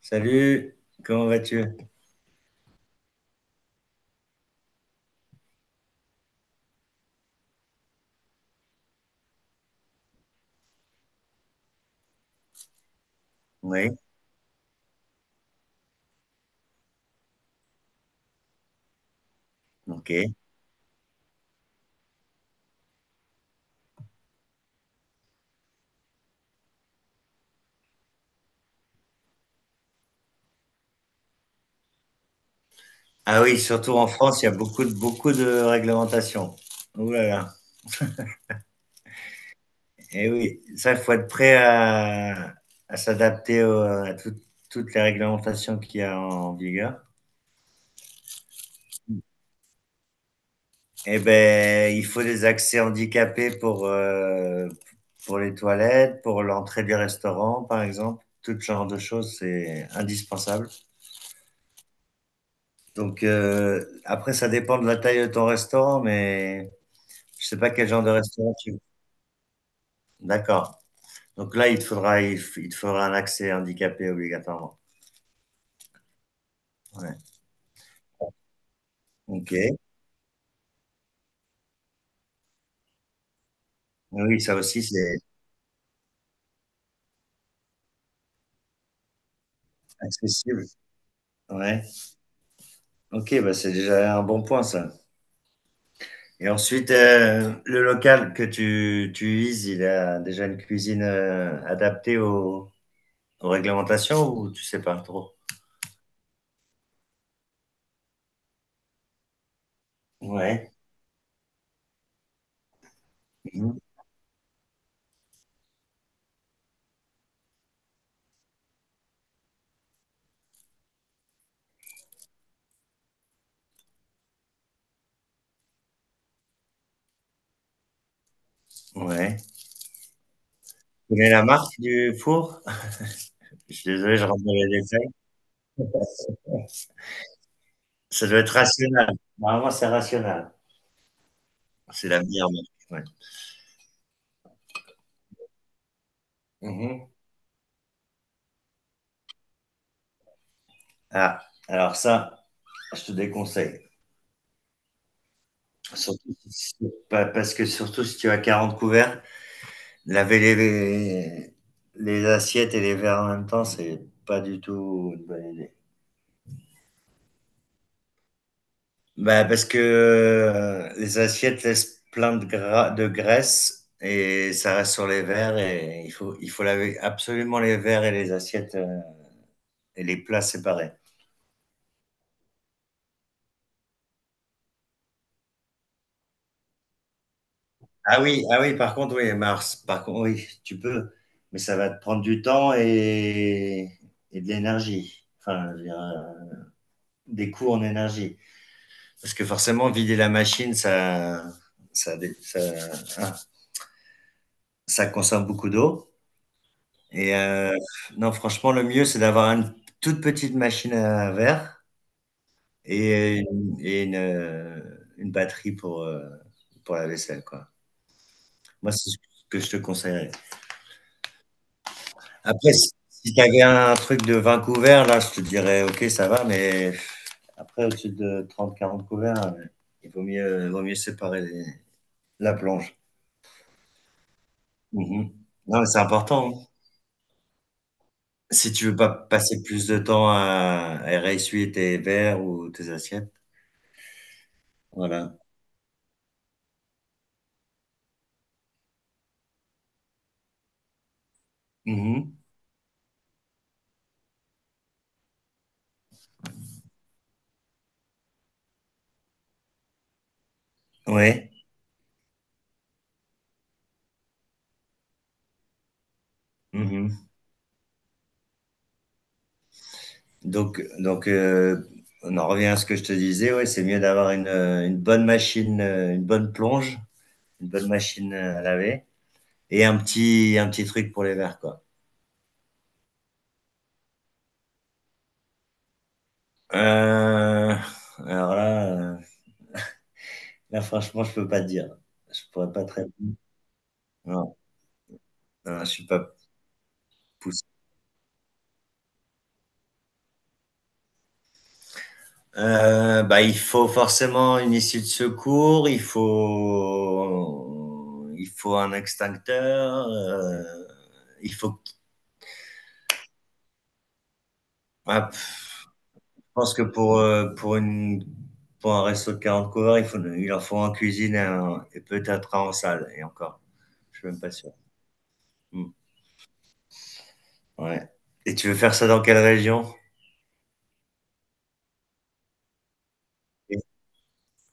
Salut, comment vas-tu? Oui, ok. Ah oui, surtout en France, il y a beaucoup de réglementations. Ouh là là. Eh oui, ça, il faut être prêt à s'adapter toutes les réglementations qu'il y a en vigueur. Eh ben, il faut des accès handicapés pour les toilettes, pour l'entrée des restaurants, par exemple. Tout ce genre de choses, c'est indispensable. Donc, après, ça dépend de la taille de ton restaurant, mais je sais pas quel genre de restaurant tu... D'accord. Donc là, il te faudra un accès handicapé obligatoirement. Ouais. Ok. Oui, ça aussi, c'est accessible. Ouais. Ok, bah c'est déjà un bon point, ça. Et ensuite, le local que tu vises, il a déjà une cuisine adaptée aux réglementations ou tu sais pas trop? Ouais. Mhm. Ouais. Tu connais la marque du four? Je suis désolé, je rentre dans les détails. Ça doit être rationnel. Normalement, c'est rationnel. C'est la meilleure marque, ouais. Mhm. Ah, alors ça, je te déconseille. Surtout si- parce que surtout si tu as 40 couverts, laver les assiettes et les verres en même temps, c'est pas du tout une bonne idée. Bah, parce que les assiettes laissent plein de, gras, de graisse et ça reste sur les verres et il faut laver absolument les verres et les assiettes et les plats séparés. Ah oui, ah oui, par contre, oui, Mars, par contre, oui, tu peux, mais ça va te prendre du temps et de l'énergie. Enfin, je veux dire, des coûts en énergie. Parce que forcément, vider la machine, ça, hein, ça consomme beaucoup d'eau. Et non, franchement, le mieux, c'est d'avoir une toute petite machine à verre et, une batterie pour la vaisselle, quoi. Moi, c'est ce que je te conseillerais. Après, si t'avais un truc de 20 couverts, là, je te dirais, ok, ça va, mais après, au-dessus de 30-40 couverts, il vaut mieux séparer la plonge. Mhm. Non, mais c'est important, hein. Si tu veux pas passer plus de temps à réessuyer tes verres ou tes assiettes. Voilà. Mhm. Ouais. Mhm. Donc, on en revient à ce que je te disais. Ouais, c'est mieux d'avoir une bonne machine, une bonne plonge, une bonne machine à laver. Et un petit truc pour les verts, quoi. Euh, alors là, franchement, je peux pas te dire. Je pourrais pas très. Non, non, je suis pas poussé. Bah, il faut forcément une issue de secours, il faut un extincteur, il faut. Ah, je pense que pour un resto de 40 couverts, il en faut en cuisine et peut-être un en salle, et encore. Je suis même pas sûr. Hmm. Ouais. Et tu veux faire ça dans quelle région?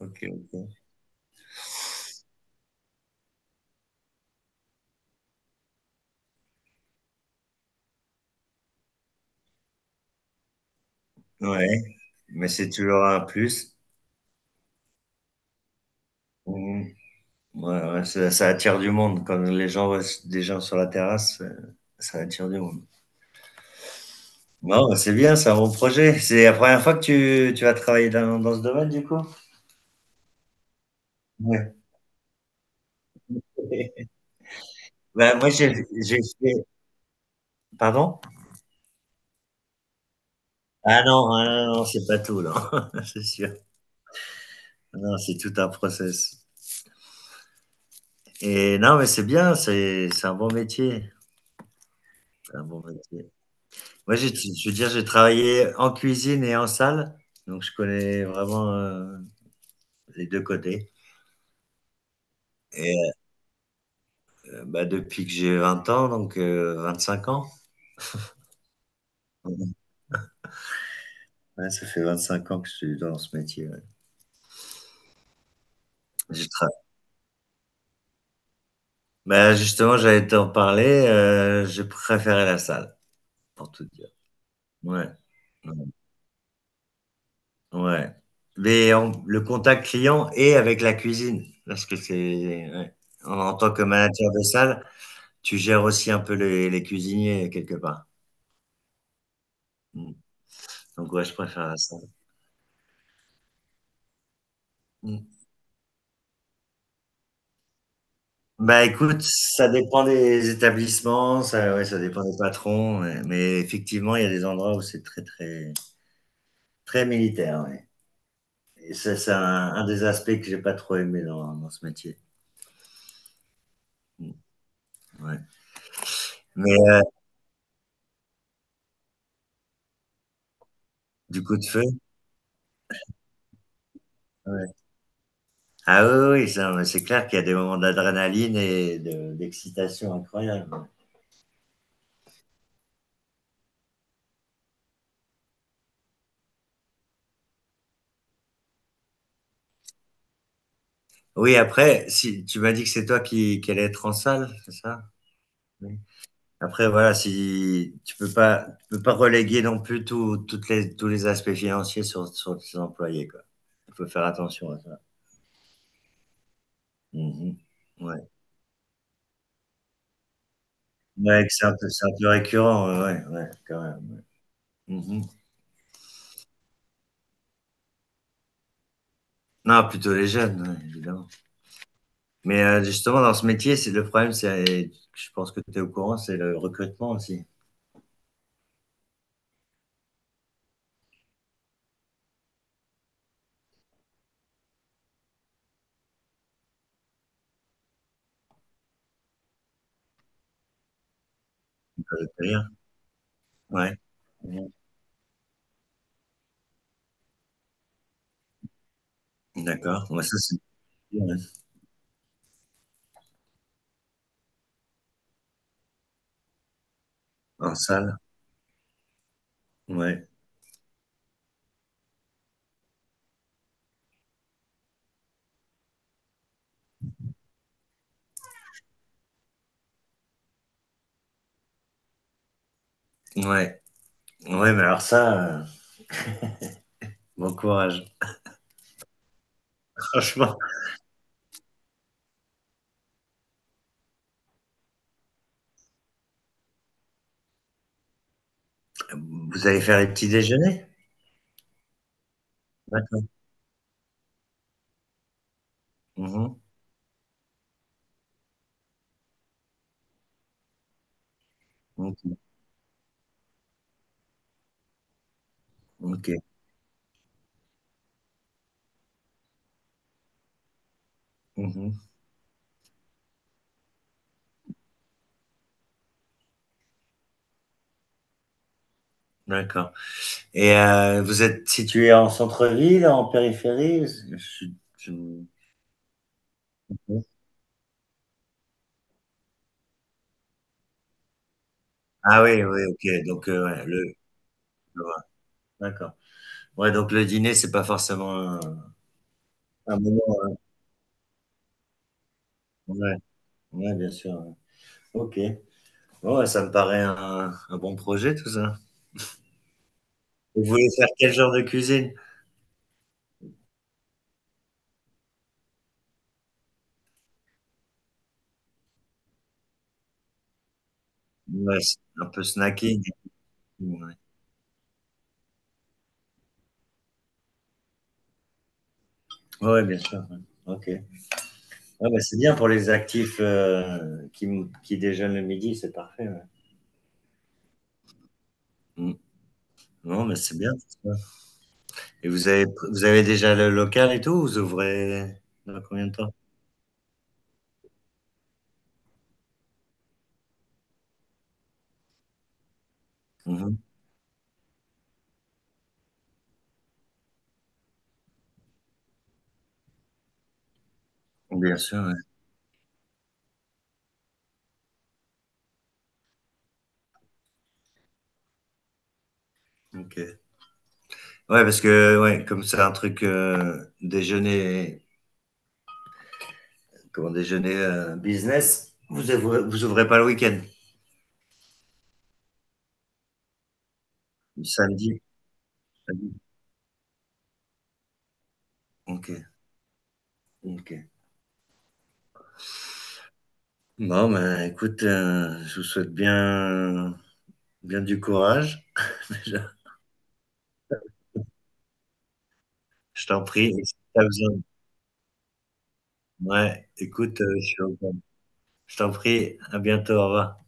OK, OK. Ouais, mais c'est toujours un plus. Mmh. Ouais, ouais, ça attire du monde quand les gens voient des gens sur la terrasse, ça attire du monde. Non, bah, c'est bien, c'est un bon projet. C'est la première fois que tu vas travailler dans ce domaine du coup? Ouais. Bah, moi j'ai fait, pardon? Ah non, ah non, non, c'est pas tout, là. C'est sûr. Non, c'est tout un process et non, mais c'est bien, c'est un bon métier, c'est un bon métier. Moi, j'ai, je veux dire, j'ai travaillé en cuisine et en salle, donc je connais vraiment les deux côtés. Et bah, depuis que j'ai 20 ans, donc 25 ans. Ouais, ça fait 25 ans que je suis dans ce métier, ouais. J'ai tra- Bah, justement, j'allais t'en parler, j'ai préféré la salle, pour tout dire. Ouais, ouais. Mais le contact client et avec la cuisine, parce que c'est... ouais. En tant que manager de salle, tu gères aussi un peu les cuisiniers quelque part. Mm. Donc ouais, je préfère ça. Mm. Bah écoute, ça dépend des établissements, ça, ouais, ça dépend des patrons, ouais. Mais effectivement, il y a des endroits où c'est très très très militaire, ouais. Et ça, c'est un des aspects que j'ai pas trop aimé dans ce métier. Mm, ouais. Mais du coup de feu, ouais. Ah oui, oui, oui, ça, mais c'est clair qu'il y a des moments d'adrénaline et d'excitation incroyable, ouais. Oui, après, si tu m'as dit que c'est toi qui allais être en salle, c'est ça? Après, voilà, si tu peux pas, tu peux pas reléguer non plus tous les aspects financiers sur tes employés, quoi. Il faut faire attention à ça. Mhm. Ouais. Ouais, que c'est un peu récurrent, ouais, ouais, ouais, quand même. Mhm. Non, plutôt les jeunes, ouais, évidemment. Mais justement, dans ce métier, c'est le problème, c'est, je pense que tu es au courant, c'est le recrutement aussi. Ça veut rien. Ouais. Mhm. D'accord. Ouais, ça, c'est ouais. En salle. Ouais. Ouais. Ouais, mais alors ça, bon courage. Franchement. Vous allez faire les petits déjeuners? D'accord. Mmh. Mh. Mmh. OK. Mmh. D'accord. Et vous êtes situé en centre-ville, en périphérie? Parce je je. Ah oui, oui, OK, donc ouais, le je vois. D'accord. Ouais, donc le dîner, c'est pas forcément un moment, ouais, ouais, bien sûr, ouais. OK. Bon, bah, ça me paraît un bon projet tout ça. Vous voulez faire quel genre de cuisine? Ouais, c'est un peu snacking, ouais. Ouais, ouais, bien sûr, ouais. OK. Ah bah, c'est bien pour les actifs qui déjeunent le midi, c'est parfait, ouais. Mm. Non, mais c'est bien, c'est ça. Et vous avez déjà le local et tout? Vous ouvrez dans combien de temps? Mhm. Bien sûr, ouais. Ok. Ouais, parce que ouais, comme c'est un truc déjeuner, comment déjeuner business, vous ouvrez pas le week-end, le samedi. Samedi. Ok, ok. Bon, ben écoute, je vous souhaite bien du courage. Je t'en prie. Et si t'as besoin. Ouais, écoute, je t'en prie, à bientôt, au revoir.